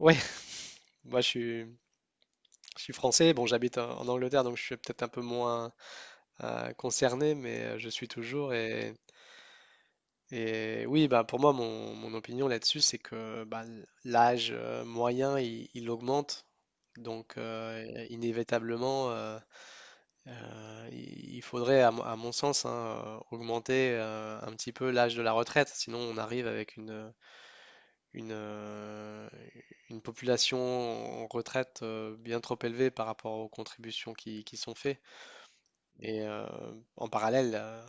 Ouais, moi je suis, je suis français. Bon, j'habite en Angleterre, donc je suis peut-être un peu moins concerné, mais je suis toujours et oui, bah pour moi mon opinion là-dessus, c'est que bah, l'âge moyen il augmente, donc inévitablement, il faudrait mon à mon sens, hein, augmenter un petit peu l'âge de la retraite, sinon on arrive avec une, euh, une population en retraite bien trop élevée par rapport aux contributions qui sont faites. Et en parallèle, la,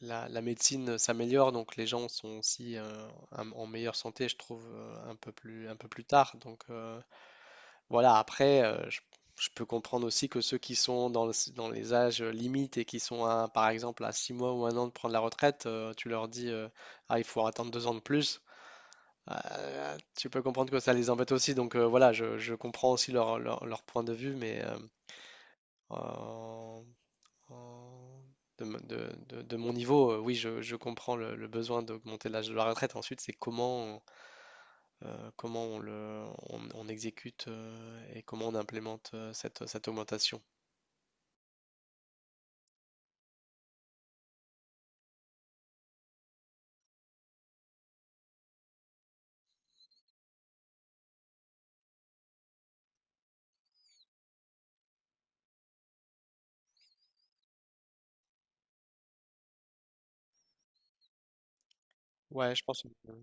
la- la médecine s'améliore, donc les gens sont aussi en meilleure santé, je trouve, un peu un peu plus tard. Donc voilà. Après, je peux comprendre aussi que ceux qui sont dans les âges limites et qui sont, à, par exemple, à 6 mois ou un an de prendre la retraite, tu leur dis, ah, il faut attendre deux ans de plus. Tu peux comprendre que ça les embête aussi, donc voilà, je comprends aussi leur point de vue, mais en- en- de, m- de mon niveau, oui, je comprends le besoin d'augmenter l'âge de la retraite. Ensuite, c'est comment, comment on on exécute et comment on implémente cette augmentation. Ouais, je pense euh,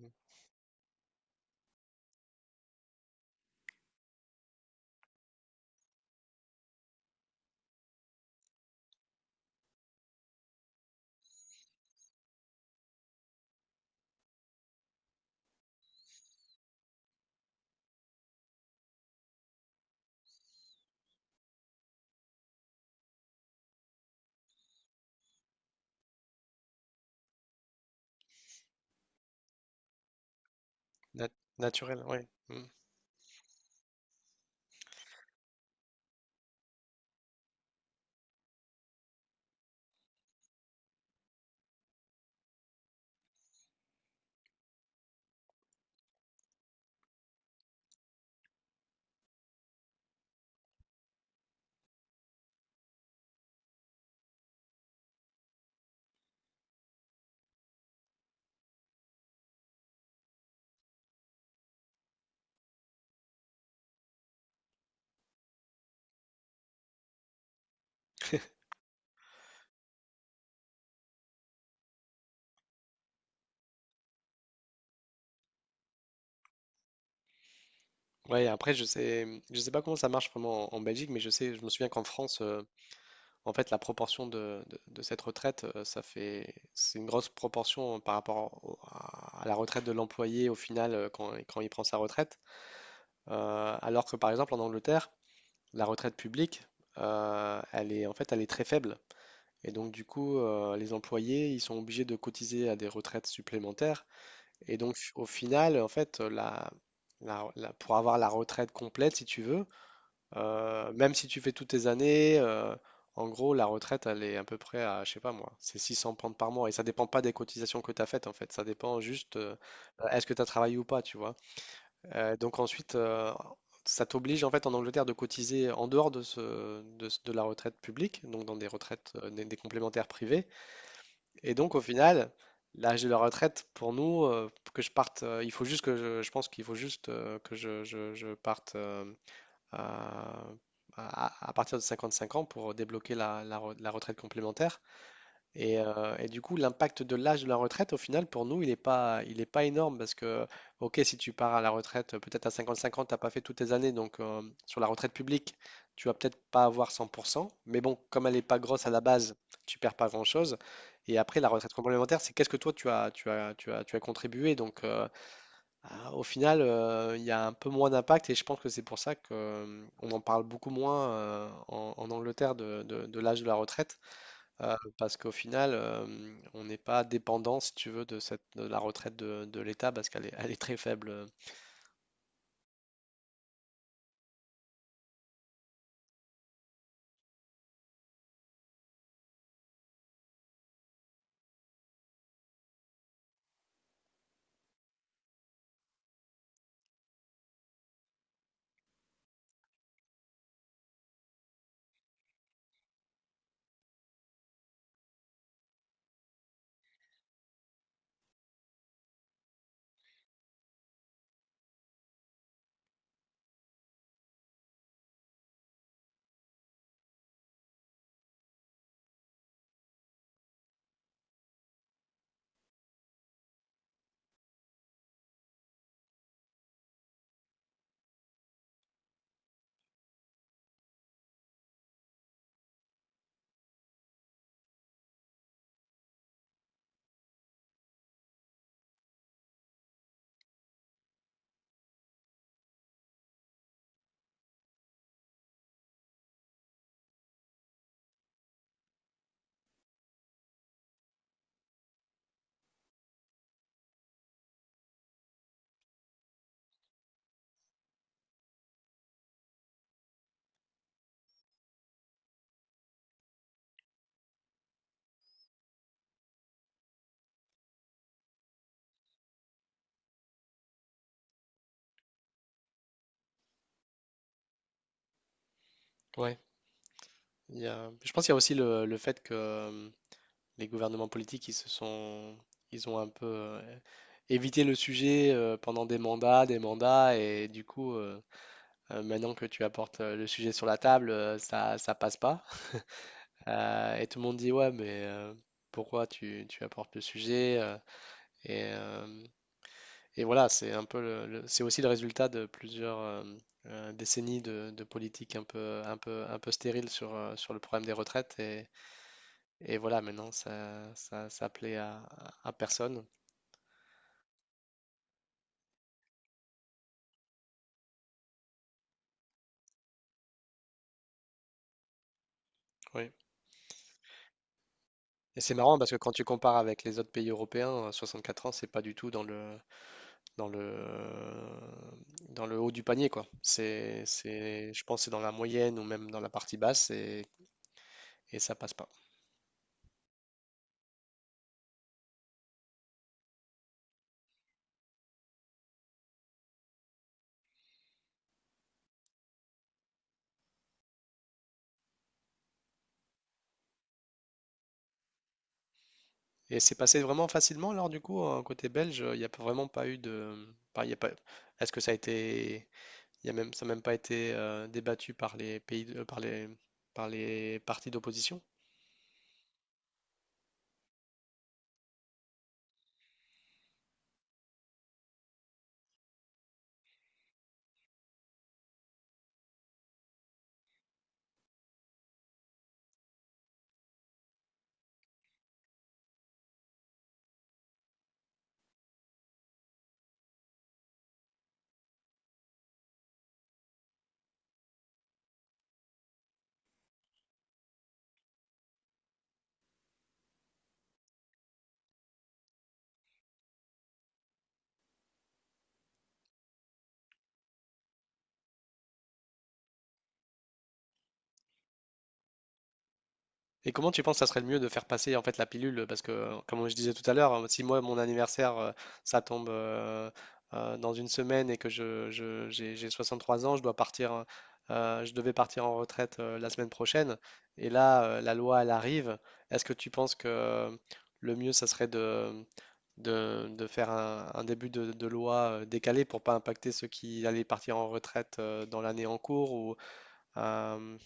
nat- naturel, ouais. Mm. Ouais, après, je sais pas comment ça marche vraiment en Belgique, mais je sais, je me souviens qu'en France, en fait, la proportion de cette retraite, c'est une grosse proportion par rapport à la retraite de l'employé au final quand il prend sa retraite. Alors que par exemple en Angleterre, la retraite publique, elle est très faible. Et donc du coup, les employés, ils sont obligés de cotiser à des retraites supplémentaires. Et donc au final, en fait, pour avoir la retraite complète, si tu veux, même si tu fais toutes tes années, en gros, la retraite, elle est à peu près à, je sais pas moi, c'est 600 pounds par mois. Et ça dépend pas des cotisations que tu as faites, en fait. Ça dépend juste, est-ce que tu as travaillé ou pas, tu vois. Donc ensuite, ça t'oblige, en fait, en Angleterre, de cotiser en dehors de la retraite publique, donc dans des retraites, des complémentaires privées. Et donc, au final, l'âge de la retraite, pour nous, que je parte, il faut juste que je pense qu'il faut juste je parte, euh, à partir de 55 ans pour débloquer la retraite complémentaire. Et du coup, l'impact de l'âge de la retraite, au final, pour nous, il est pas énorme parce que, ok, si tu pars à la retraite, peut-être à 55 ans, tu n'as pas fait toutes tes années, donc sur la retraite publique, tu vas peut-être pas avoir 100%, mais bon, comme elle n'est pas grosse à la base, tu perds pas grand-chose. Et après, la retraite complémentaire, c'est qu'est-ce que toi, tu as contribué. Donc, au final, il y a un peu moins d'impact et je pense que c'est pour ça que, on en parle beaucoup moins en Angleterre de l'âge de la retraite, parce qu'au final, on n'est pas dépendant, si tu veux, de la retraite de l'État parce elle est très faible. Ouais. Je pense qu'il y a aussi le fait que les gouvernements politiques, ils ont un peu évité le sujet pendant des mandats, et du coup, maintenant que tu apportes, le sujet sur la table, ça passe pas. Et tout le monde dit: «Ouais, mais pourquoi tu apportes le sujet ?» Et hem et voilà, c'est un peu le c'est aussi le résultat de plusieurs, décennies de politique un peu stérile sur, sur le problème des retraites et voilà, maintenant ça plaît à personne. Oui, et c'est marrant parce que quand tu compares avec les autres pays européens, 64 ans, c'est pas du tout dans dans le, dans le haut du panier, quoi. Je pense que c'est dans la moyenne ou même dans la partie basse, et ça passe pas. Et c'est passé vraiment facilement, alors du coup, côté belge, il n'y a pas- vraiment pas eu de... pas- il y a pas... Est-ce que ça a été. Il y a même... Ça n'a même pas été débattu par les pays de- par les partis d'opposition? Et comment tu penses que ça serait le mieux de faire passer en fait la pilule? Parce que, comme je disais tout à l'heure, si moi mon anniversaire ça tombe dans une semaine et que j'ai 63 ans, je devais partir en retraite la semaine prochaine. Et là, la loi elle arrive. Est-ce que tu penses que le mieux ça serait de faire un début de loi décalé pour pas impacter ceux qui allaient partir en retraite dans l'année en cours ou euh,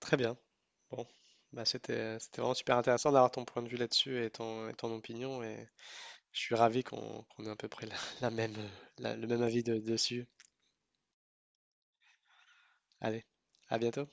très bien. Bon, bah c'était vraiment super intéressant d'avoir ton point de vue là-dessus et et ton opinion et je suis ravi qu'on ait à peu près la même, le même avis dessus. Allez, à bientôt.